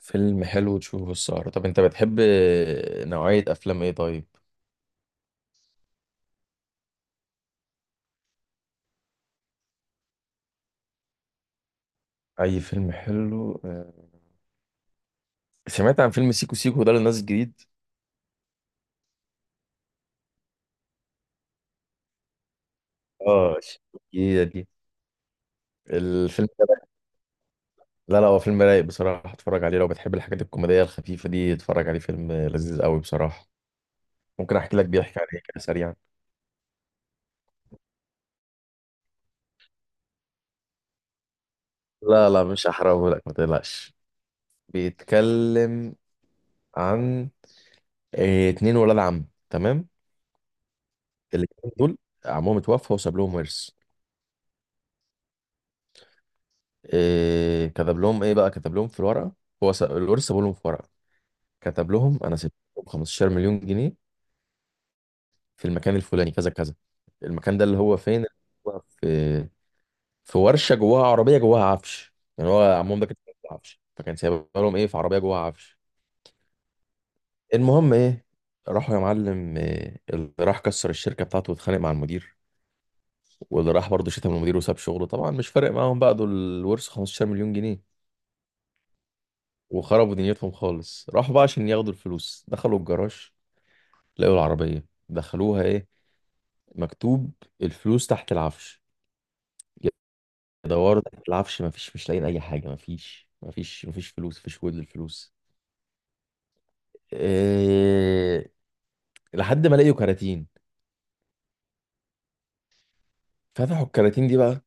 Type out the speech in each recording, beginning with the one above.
فيلم حلو تشوفه السهرة؟ طب انت بتحب نوعية افلام ايه طيب؟ اي فيلم حلو. سمعت عن فيلم سيكو سيكو ده اللي نازل جديد. اه. جديدة دي؟ الفيلم ده رايق؟ لا لا، هو فيلم رايق بصراحة. اتفرج عليه، لو بتحب الحاجات الكوميدية الخفيفة دي اتفرج عليه، فيلم لذيذ قوي بصراحة. ممكن احكي لك بيحكي عن ايه كده سريعا؟ لا لا، مش هحرقه لك ما تقلقش. بيتكلم عن اتنين ولاد عم، تمام. الاتنين دول، عمهم اتوفى وساب لهم ورث. إيه كتب لهم ايه بقى، كتب لهم في الورقه. هو الورث سابوا لهم في ورقه، كتب لهم: انا سبت لكم 15 مليون جنيه في المكان الفلاني كذا كذا. المكان ده اللي هو فين، هو في ورشه جواها عربيه جواها عفش، يعني هو عمهم ده كان في عفش، فكان سايب لهم ايه في عربيه جواها عفش. المهم ايه، راحوا يا معلم، إيه اللي راح كسر الشركه بتاعته واتخانق مع المدير، واللي راح برضه شتم المدير وساب شغله، طبعا مش فارق معاهم بقى دول الورث 15 مليون جنيه. وخربوا دنيتهم خالص. راحوا بقى عشان ياخدوا الفلوس، دخلوا الجراج لقوا العربية دخلوها، ايه مكتوب؟ الفلوس تحت العفش. يدوروا تحت العفش، مفيش، مش لاقيين اي حاجة، مفيش مفيش مفيش فلوس، مفيش وجود للفلوس. إيه... لحد ما لقيوا كراتين، فتحوا الكراتين دي بقى،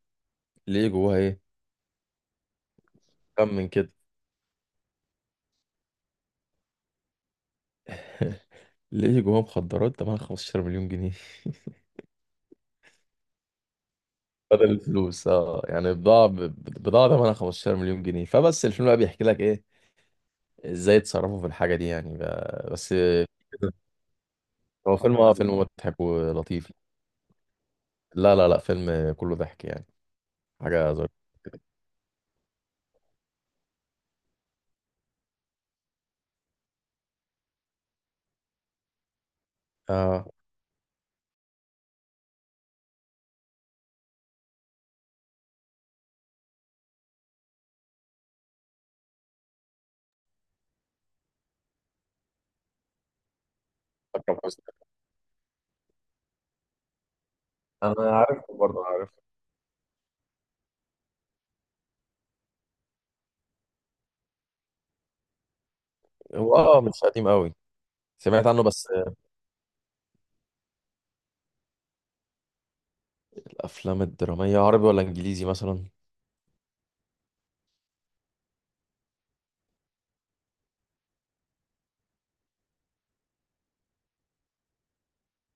لقيوا جواها ايه، كم من كده. لقيوا جواها مخدرات تمنها 15 مليون جنيه، بدل الفلوس اه، يعني بضاعة تمنها 15 مليون جنيه. فبس الفيلم بقى بيحكي لك ايه، ازاي اتصرفوا في الحاجة دي، يعني بس. هو فيلم اه، فيلم مضحك ولطيف. لا لا لا، فيلم كله ضحك يعني. حاجة ظريفة. اه، أكرم حسني. انا عارفه، برضه عارف. هو اه، مش قديم قوي، سمعت عنه بس. الافلام الدرامية عربي ولا انجليزي مثلا؟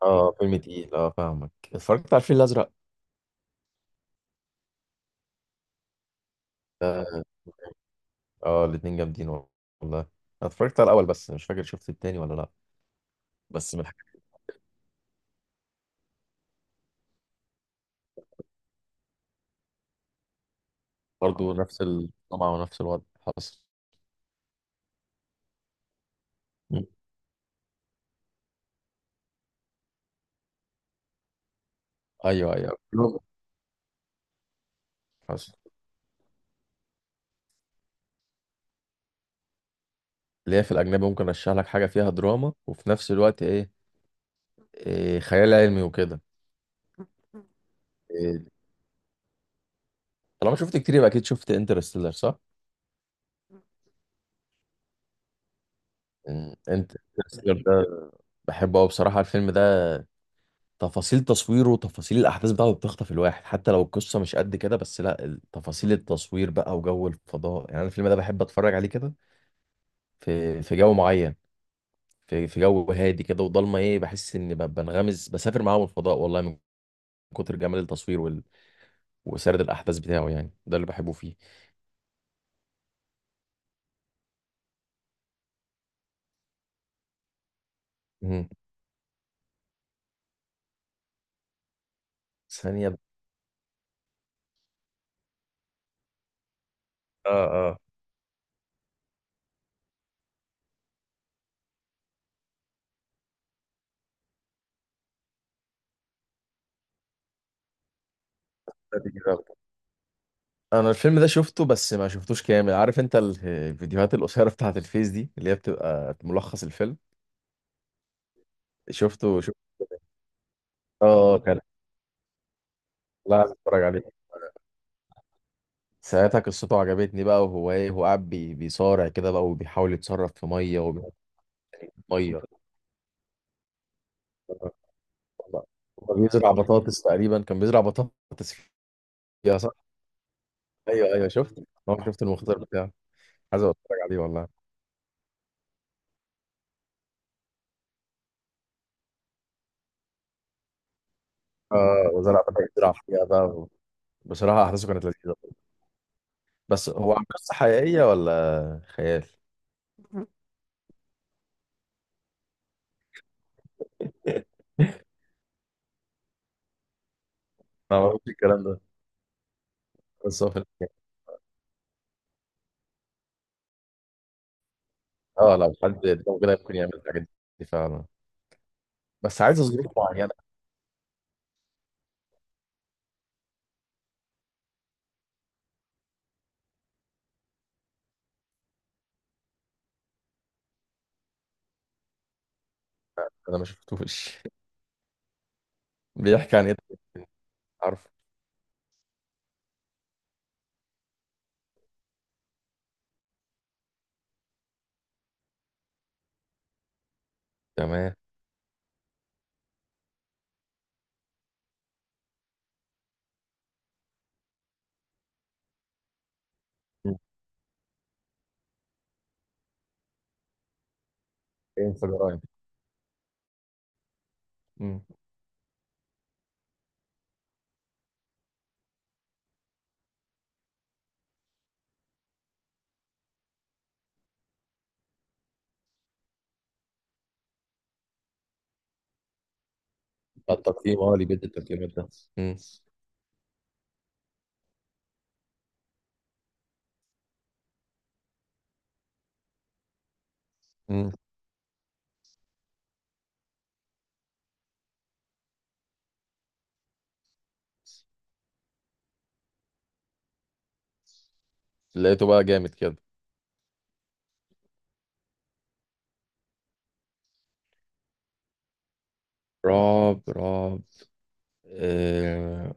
اه فيلم تقيل، اه فاهمك. اتفرجت على الفيل الازرق؟ اه. الاتنين جامدين والله. انا اتفرجت على الاول بس، مش فاكر شفت التاني ولا لا. بس من الحاجات. برضه نفس الطمع ونفس الوضع حصل. مم. ايوه ايوه، كلهم حصل. اللي هي في الأجنبي ممكن أرشح لك حاجة فيها دراما وفي نفس الوقت إيه، خيال علمي وكده. إيه. طالما شفت كتير يبقى أكيد شفت انترستيلر صح؟ انترستيلر ده بحبه أوي بصراحة الفيلم ده، تفاصيل تصويره وتفاصيل الأحداث بتاعته بتخطف الواحد، حتى لو القصة مش قد كده، بس لا تفاصيل التصوير بقى وجو الفضاء. يعني أنا الفيلم ده بحب أتفرج عليه كده، في جو معين، في جو هادي كده وضلمة إيه، بحس إني بنغمس بسافر معاهم الفضاء والله، من كتر جمال التصوير وسرد الأحداث بتاعه، يعني ده اللي بحبه فيه. ثانية ب- اه اه، ثانية كده أخبط. انا الفيلم ده شفته بس ما شفتوش كامل، عارف انت الفيديوهات القصيرة بتاعة الفيس دي اللي هي بتبقى ملخص الفيلم، شفته شفته. اه كان. لا، عايز اتفرج عليه ساعتها، قصته عجبتني بقى، وهو ايه هو قاعد بيصارع كده بقى وبيحاول يتصرف في مية وبيحط مية، هو بيزرع بطاطس تقريبا، كان بيزرع بطاطس فيها صح. ايوه ايوه، شفت. هو شفت المختار بتاعه. عايز ابقى اتفرج عليه والله. اه، وزرع بطاطس بيزرع فيها بقى. بصراحة احداثه كانت لذيذة. بس هو عن قصة حقيقية ولا خيال؟ ما بعرفش الكلام ده. بس هو في الحقيقة، اه لو حد لو كده، ممكن يعمل الحاجات دي فعلا. بس عايز ظروف معينة. أنا ما شفتوش. بيحكي عن إيه؟ عارف. تمام. مم. فين في جرايم. مم. التقييم اه، اللي بيدي التقييمات ده. مم. مم. لقيته بقى جامد كده. رعب رعب. آه...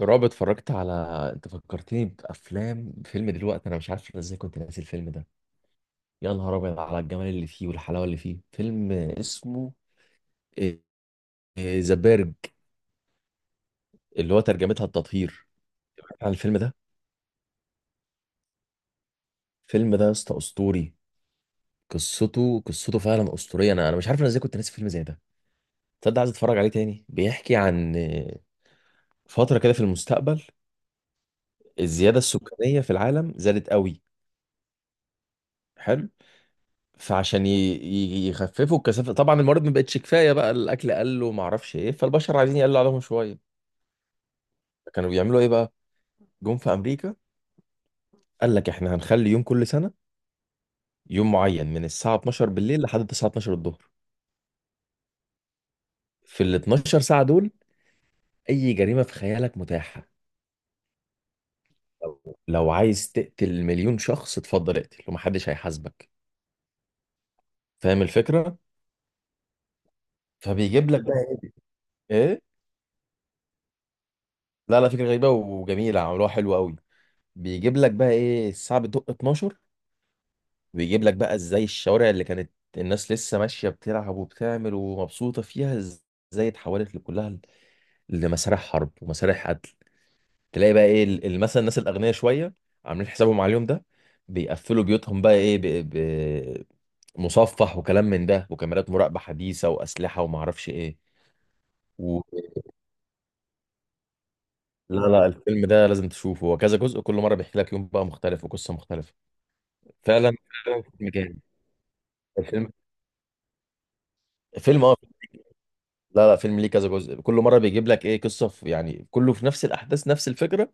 رعب اتفرجت على، انت فكرتني بافلام، فيلم دلوقتي انا مش عارف أنا ازاي كنت ناسي الفيلم ده. يا نهار ابيض على الجمال اللي فيه والحلاوه اللي فيه! فيلم اسمه آه، ذا بيرج، اللي هو ترجمتها التطهير. سمعت عن الفيلم ده؟ الفيلم ده يا اسطى اسطوري. قصته قصته فعلا اسطوريه، انا مش عارف انا ازاي كنت ناسي فيلم زي ده. تصدق عايز اتفرج عليه تاني. بيحكي عن فتره كده في المستقبل، الزياده السكانيه في العالم زادت قوي. حلو. فعشان يخففوا الكثافه، طبعا الموارد ما بقتش كفايه، بقى الاكل قل وما اعرفش ايه، فالبشر عايزين يقلوا عليهم شويه. كانوا بيعملوا ايه بقى؟ جم في امريكا، قال لك احنا هنخلي يوم كل سنه، يوم معين من الساعه 12 بالليل لحد الساعه 12 الظهر، في ال 12 ساعه دول اي جريمه في خيالك متاحه، لو عايز تقتل مليون شخص اتفضل اقتل، ومحدش هيحاسبك، فاهم الفكره؟ فبيجيب لك بقى ايه. لا لا، فكره غريبه وجميله عملوها حلو قوي. بيجيب لك بقى ايه الساعه بتدق 12، ويجيب لك بقى ازاي الشوارع اللي كانت الناس لسه ماشيه بتلعب وبتعمل ومبسوطه فيها، ازاي اتحولت لكلها، لمسارح حرب ومسارح قتل. تلاقي بقى ايه مثلا الناس الاغنياء شويه عاملين حسابهم على اليوم ده، بيقفلوا بيوتهم بقى ايه مصفح وكلام من ده وكاميرات مراقبه حديثه واسلحه وما اعرفش ايه و... لا لا، الفيلم ده لازم تشوفه. هو كذا جزء، كل مره بيحكي لك يوم بقى مختلف وقصه مختلفه. فعلا. فعلا فيلم جامد. الفيلم، فيلم اه، لا لا فيلم ليه كذا جزء، كل مره بيجيب لك ايه قصه في، يعني كله في نفس الاحداث نفس الفكره،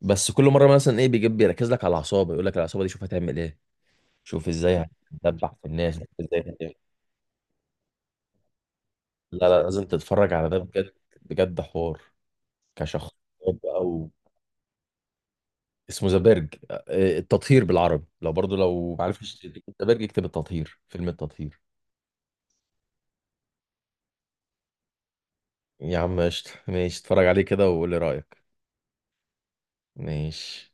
بس كل مره مثلا ايه بيجيب بيركز لك على العصابه، يقول لك العصابه دي شوف هتعمل ايه، شوف ازاي هتدبح في الناس، شوف ازاي. لا لا، لازم تتفرج على ده بجد، بجد حوار. كشخص. او، اسمه ذا بيرج، التطهير بالعربي، لو برضو لو ما عرفتش تكتب ذا بيرج اكتب التطهير، فيلم التطهير. يا عم قشطة، ماشي اتفرج عليه كده وقول لي رأيك. ماشي.